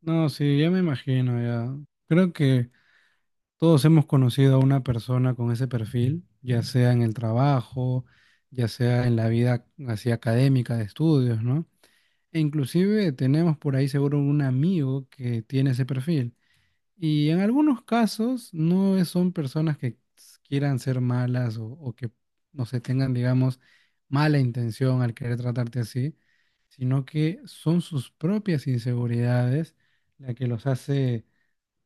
No, sí, ya me imagino, ya. Creo que todos hemos conocido a una persona con ese perfil, ya sea en el trabajo, ya sea en la vida así académica de estudios, ¿no? E inclusive tenemos por ahí seguro un amigo que tiene ese perfil. Y en algunos casos no es- son personas que quieran ser malas o que, no sé, tengan, digamos, mala intención al querer tratarte así, sino que son sus propias inseguridades la que los hace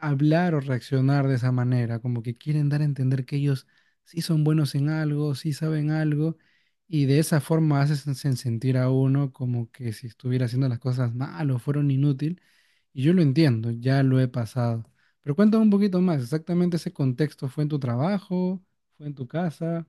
hablar o reaccionar de esa manera, como que quieren dar a entender que ellos sí son buenos en algo, sí saben algo, y de esa forma hacen sentir a uno como que si estuviera haciendo las cosas mal o fueron inútil, y yo lo entiendo, ya lo he pasado. Pero cuéntame un poquito más, exactamente ese contexto, ¿fue en tu trabajo? ¿Fue en tu casa?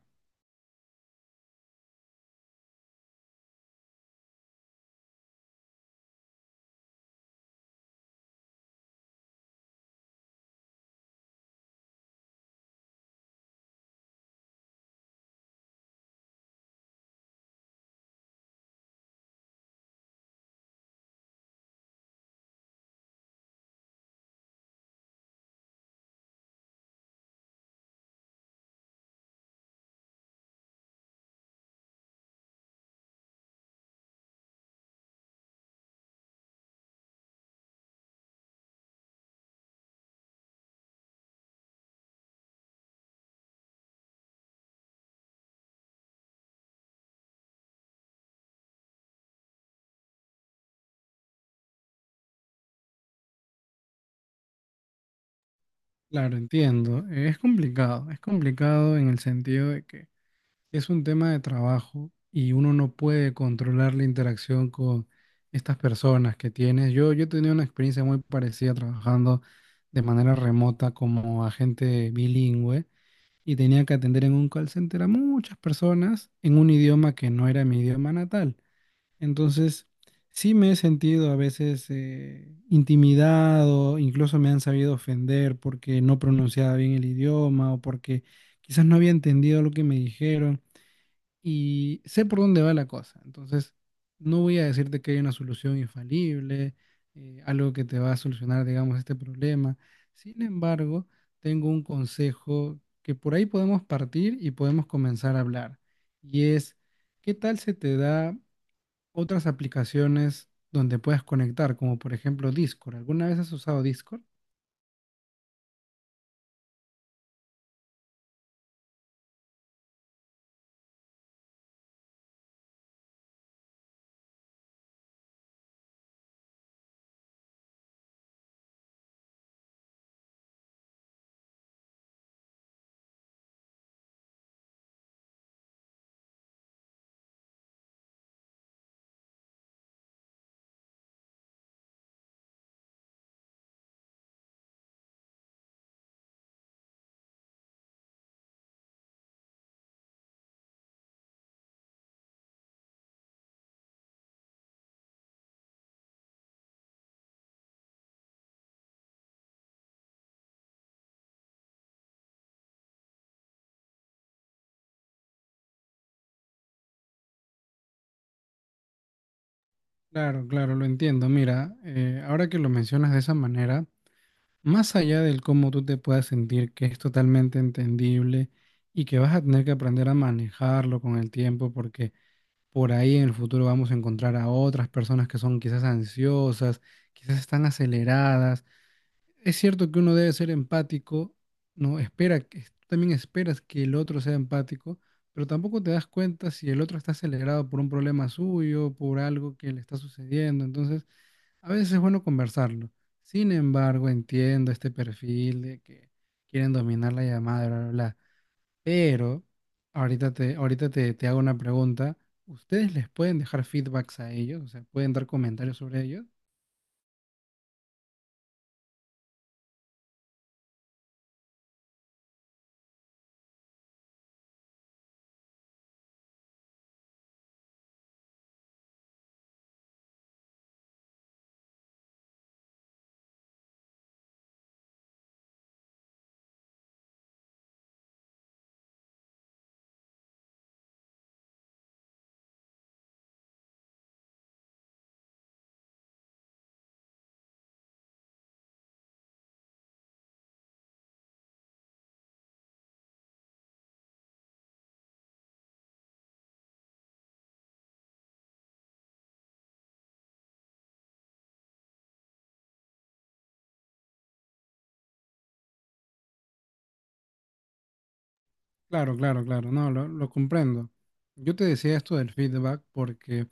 Claro, entiendo, es complicado en el sentido de que es un tema de trabajo y uno no puede controlar la interacción con estas personas que tienes. Yo he tenido una experiencia muy parecida trabajando de manera remota como agente bilingüe y tenía que atender en un call center a muchas personas en un idioma que no era mi idioma natal. Entonces, sí me he sentido a veces intimidado, incluso me han sabido ofender porque no pronunciaba bien el idioma o porque quizás no había entendido lo que me dijeron y sé por dónde va la cosa. Entonces, no voy a decirte que hay una solución infalible, algo que te va a solucionar, digamos, este problema. Sin embargo, tengo un consejo que por ahí podemos partir y podemos comenzar a hablar. Y es, ¿qué tal se te da otras aplicaciones donde puedas conectar, como por ejemplo Discord? ¿Alguna vez has usado Discord? Claro, claro, lo entiendo. Mira, ahora que lo mencionas de esa manera, más allá del cómo tú te puedas sentir, que es totalmente entendible y que vas a tener que aprender a manejarlo con el tiempo, porque por ahí en el futuro vamos a encontrar a otras personas que son quizás ansiosas, quizás están aceleradas. Es cierto que uno debe ser empático, no espera que tú también esperas que el otro sea empático, pero tampoco te das cuenta si el otro está acelerado por un problema suyo, por algo que le está sucediendo. Entonces, a veces es bueno conversarlo. Sin embargo, entiendo este perfil de que quieren dominar la llamada, bla, bla, bla. Pero ahorita te hago una pregunta. ¿Ustedes les pueden dejar feedbacks a ellos? O sea, ¿pueden dar comentarios sobre ellos? Claro, claro, claro. No, lo comprendo. Yo te decía esto del feedback porque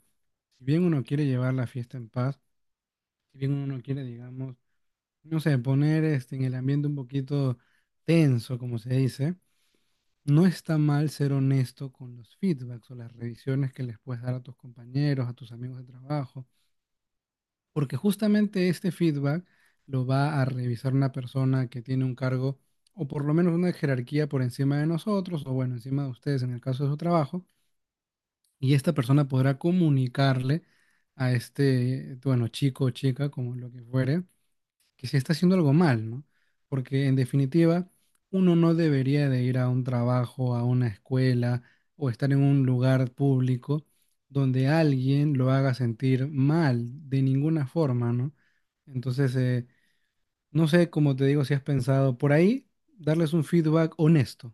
si bien uno quiere llevar la fiesta en paz, si bien uno quiere, digamos, no sé, poner este, en el ambiente un poquito tenso, como se dice, no está mal ser honesto con los feedbacks o las revisiones que les puedes dar a tus compañeros, a tus amigos de trabajo, porque justamente este feedback lo va a revisar una persona que tiene un cargo o por lo menos una jerarquía por encima de nosotros o bueno, encima de ustedes en el caso de su trabajo, y esta persona podrá comunicarle a este, bueno, chico o chica, como lo que fuere, que se está haciendo algo mal, ¿no? Porque en definitiva, uno no debería de ir a un trabajo, a una escuela o estar en un lugar público donde alguien lo haga sentir mal de ninguna forma, ¿no? Entonces, no sé, como te digo, si has pensado por ahí, darles un feedback honesto.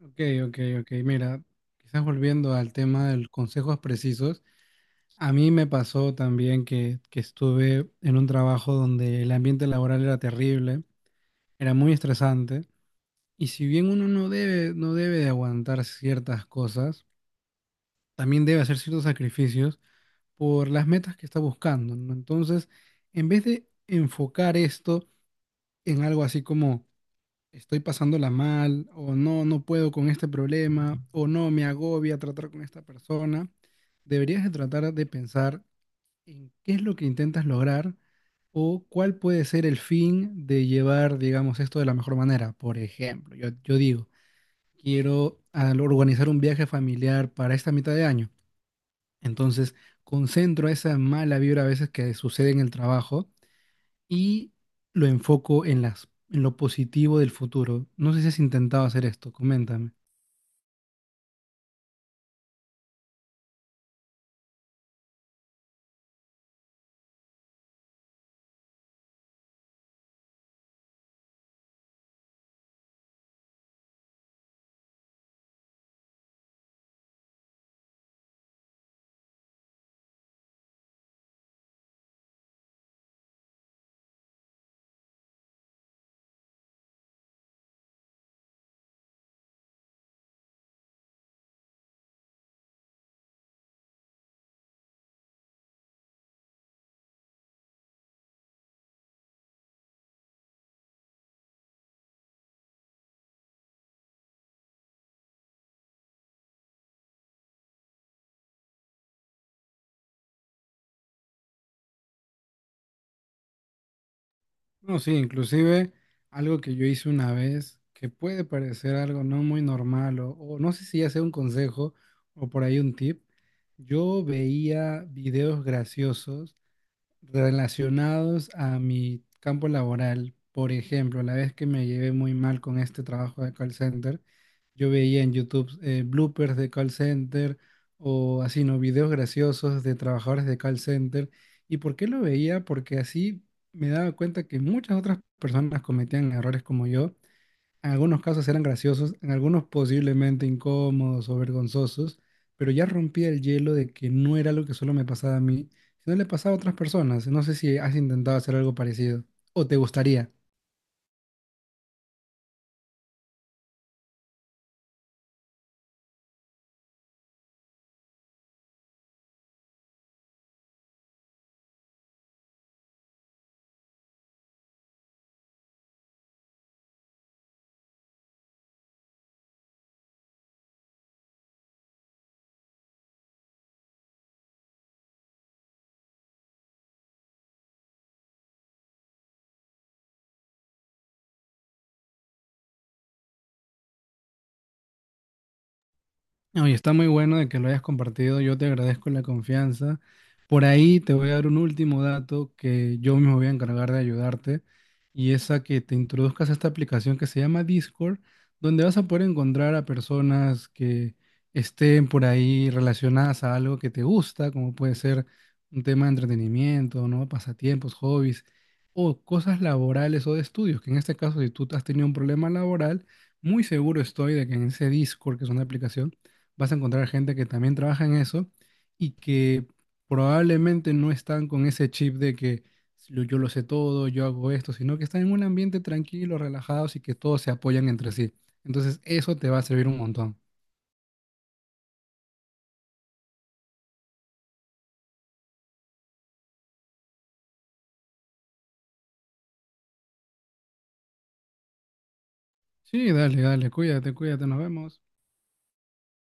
Ok, ok, ok. Mira, quizás volviendo al tema de consejos precisos, a mí me pasó también que estuve en un trabajo donde el ambiente laboral era terrible. Era muy estresante. Y si bien uno no debe, no debe de aguantar ciertas cosas, también debe hacer ciertos sacrificios por las metas que está buscando, ¿no? Entonces, en vez de enfocar esto en algo así como estoy pasándola mal, o no, no puedo con este problema, o no, me agobia tratar con esta persona, deberías de tratar de pensar en qué es lo que intentas lograr o cuál puede ser el fin de llevar, digamos, esto de la mejor manera. Por ejemplo, yo digo, quiero al organizar un viaje familiar para esta mitad de año. Entonces, concentro esa mala vibra a veces que sucede en el trabajo y lo enfoco en en lo positivo del futuro. No sé si has intentado hacer esto, coméntame. No, sí, inclusive algo que yo hice una vez que puede parecer algo no muy normal o no sé si ya sea un consejo o por ahí un tip. Yo veía videos graciosos relacionados a mi campo laboral. Por ejemplo, la vez que me llevé muy mal con este trabajo de call center, yo veía en YouTube bloopers de call center o así, ¿no? Videos graciosos de trabajadores de call center. ¿Y por qué lo veía? Porque así me daba cuenta que muchas otras personas cometían errores como yo, en algunos casos eran graciosos, en algunos posiblemente incómodos o vergonzosos, pero ya rompía el hielo de que no era algo que solo me pasaba a mí, sino le pasaba a otras personas. No sé si has intentado hacer algo parecido o te gustaría. No, y está muy bueno de que lo hayas compartido. Yo te agradezco la confianza. Por ahí te voy a dar un último dato que yo mismo voy a encargar de ayudarte. Y es a que te introduzcas a esta aplicación que se llama Discord, donde vas a poder encontrar a personas que estén por ahí relacionadas a algo que te gusta, como puede ser un tema de entretenimiento, ¿no? Pasatiempos, hobbies, o cosas laborales o de estudios, que en este caso, si tú has tenido un problema laboral, muy seguro estoy de que en ese Discord, que es una aplicación, vas a encontrar gente que también trabaja en eso y que probablemente no están con ese chip de que yo lo sé todo, yo hago esto, sino que están en un ambiente tranquilo, relajados y que todos se apoyan entre sí. Entonces, eso te va a servir un montón. Sí, dale, dale, cuídate, cuídate, nos vemos.